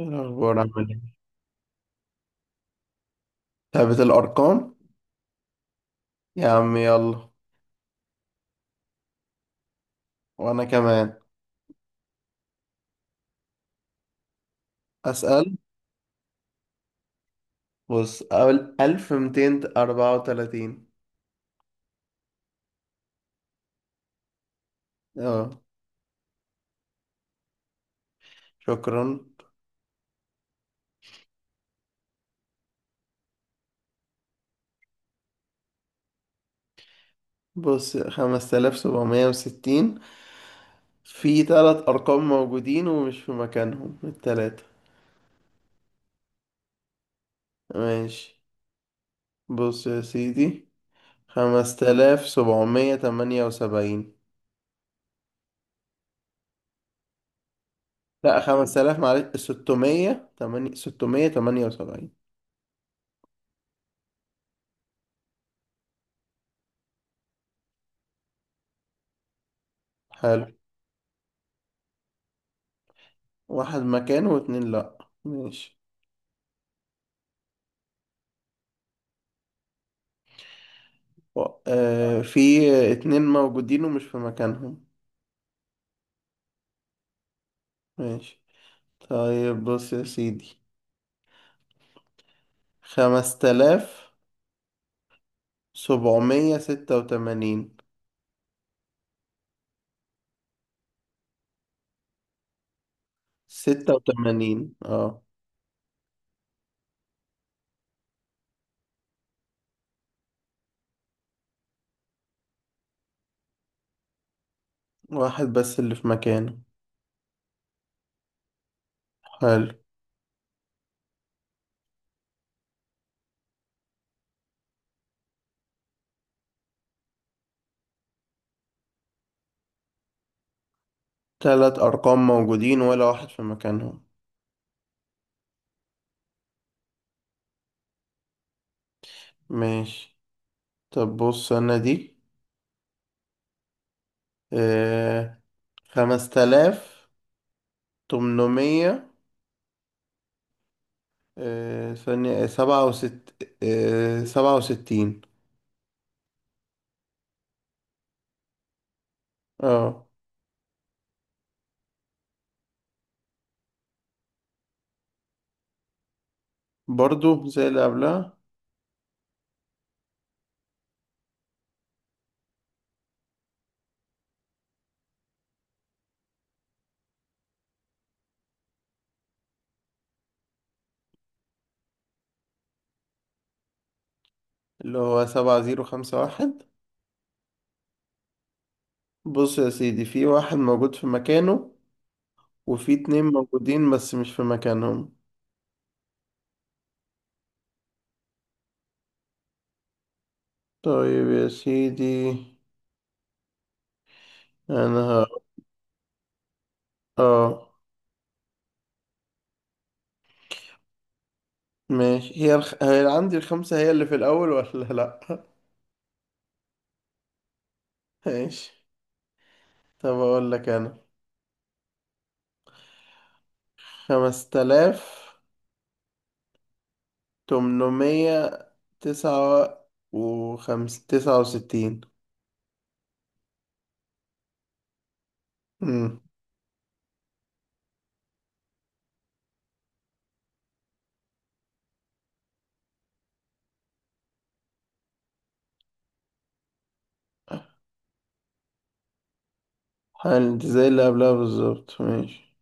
إيه الأخبار، عامل إيه؟ ثابت الأرقام. يا عم يلا. وأنا كمان. أسأل. بص، أول 1234. أه. شكرا. بص، 5760، في تلات أرقام موجودين ومش في مكانهم التلاتة. ماشي. بص يا سيدي، 5778. لأ 5000 معلش، 678. حلو. واحد مكانه واتنين لأ. ماشي. في اتنين موجودين ومش في مكانهم. ماشي. طيب بص يا سيدي، 5786. 86، اه. واحد بس اللي في مكانه، حلو. تلات أرقام موجودين ولا واحد في مكانهم. ماشي. طب بص أنا دي، آه 5800، ثانية، 67. اه. برضو زي اللي قبلها. اللي هو 7051. بص يا سيدي، في واحد موجود في مكانه، وفي اتنين موجودين بس مش في مكانهم. طيب يا سيدي انا ه... اه ماشي. هي عندي الخمسة هي اللي في الأول ولا لأ؟ ماشي. طب أقول لك أنا، 5800، تسعة 69. مم. حل دي زي اللي قبلها بالظبط. ماشي.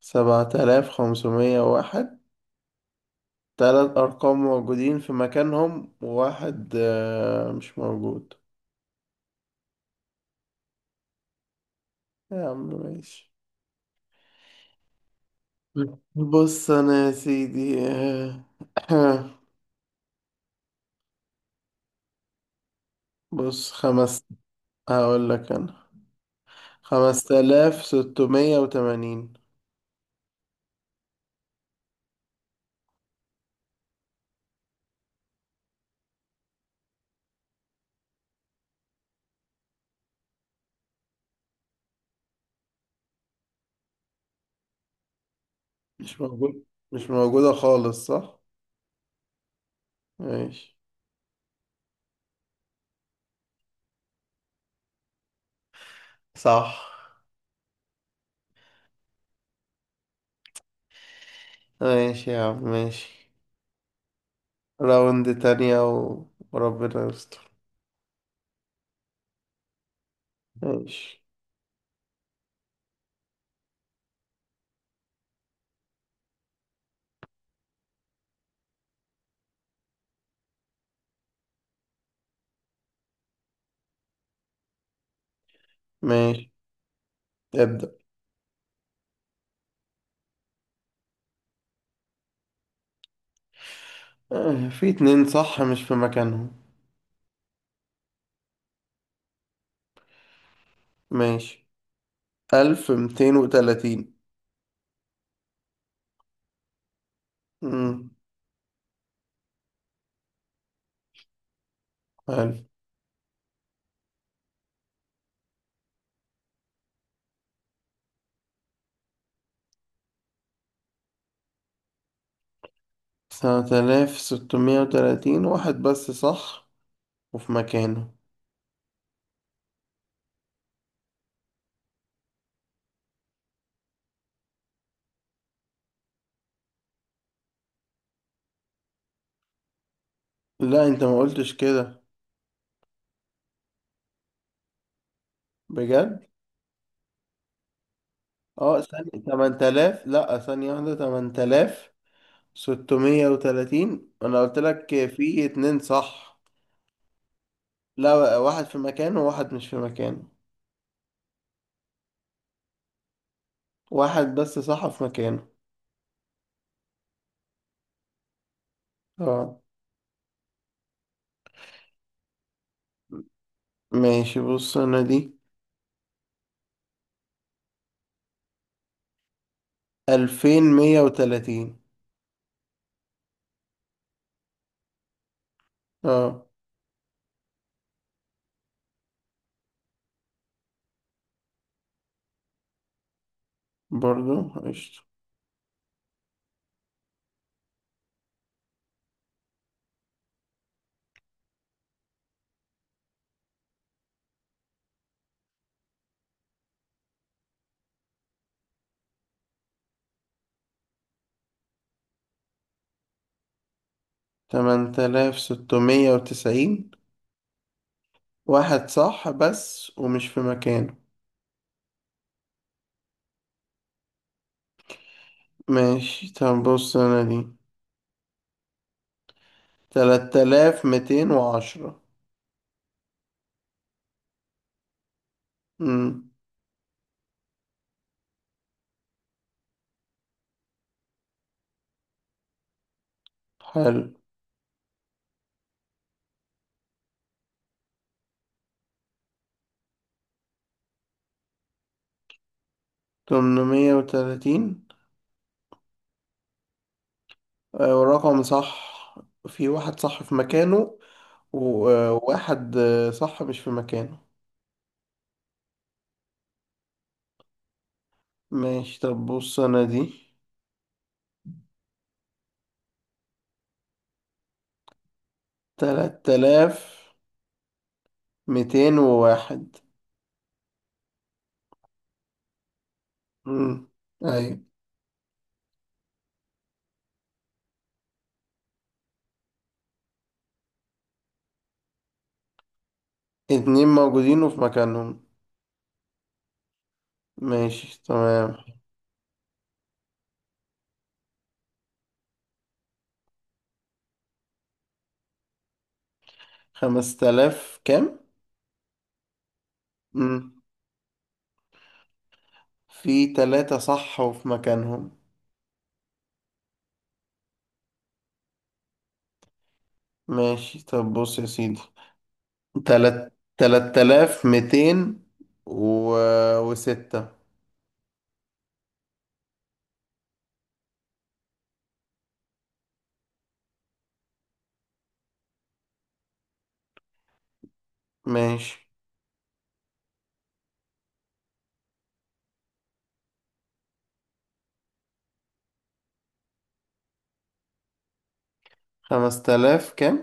7501، تلات أرقام موجودين في مكانهم وواحد مش موجود. يا عم ماشي. بص أنا يا سيدي بص، هقول لك أنا 5680. مش موجود مش موجودة خالص، صح؟ ماشي. صح. ماشي يا عم، ماشي. راوند تانية وربنا يستر. ماشي. ماشي، ابدأ. في اتنين صح مش في مكانهم. ماشي. 1230. أمم، حلو. 7630، واحد بس صح وفي مكانه. لا انت ما قلتش كده. بجد. اه ثانية 8000، لا ثانية واحدة، 8630 أنا قلت لك في اتنين صح. لا بقى، واحد في مكانه وواحد مش في مكانه. واحد بس صح في مكانه. اه. ماشي، بص أنا دي 2130. اه. برضو قشطة. 8690، واحد صح بس ومش في مكانه. ماشي. طب بص انا دي، 3210. امم. حلو. 830، ورقم صح، في واحد صح في مكانه وواحد صح مش في مكانه. ماشي. طب بص انا دي، 3201. امم. ايوه. اتنين موجودين وفي مكانهم. ماشي تمام. خمس تلاف كام؟ مم. في تلاتة صح وفي مكانهم. ماشي. طب بص يا سيدي، تلات 3200 و... وستة. ماشي. خمس تلاف كام؟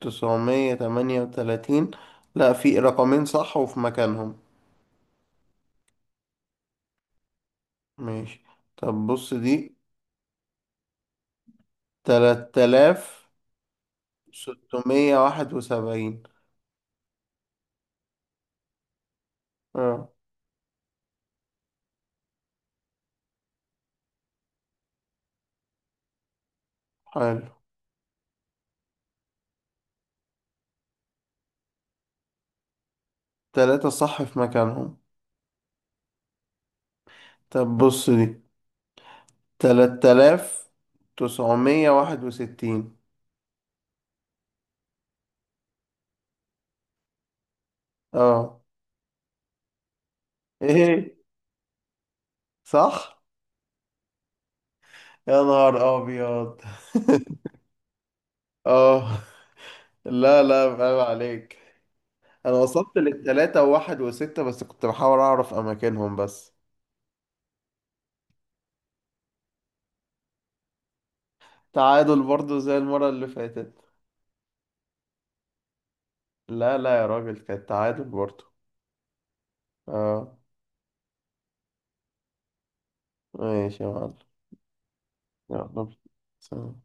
938، لا في رقمين صح وفي مكانهم. ماشي. طب بص دي، 3671. اه. حلو. تلاتة صح في مكانهم. طب بص دي، 3961. اه. ايه صح. يا نهار ابيض. اه. لا لا، فاهم عليك. انا وصلت للتلاتة وواحد وستة بس كنت بحاول اعرف اماكنهم بس. تعادل برضو زي المرة اللي فاتت. لا لا يا راجل، كانت تعادل برضو. اه. ماشي يا معلم. يلا. سلام.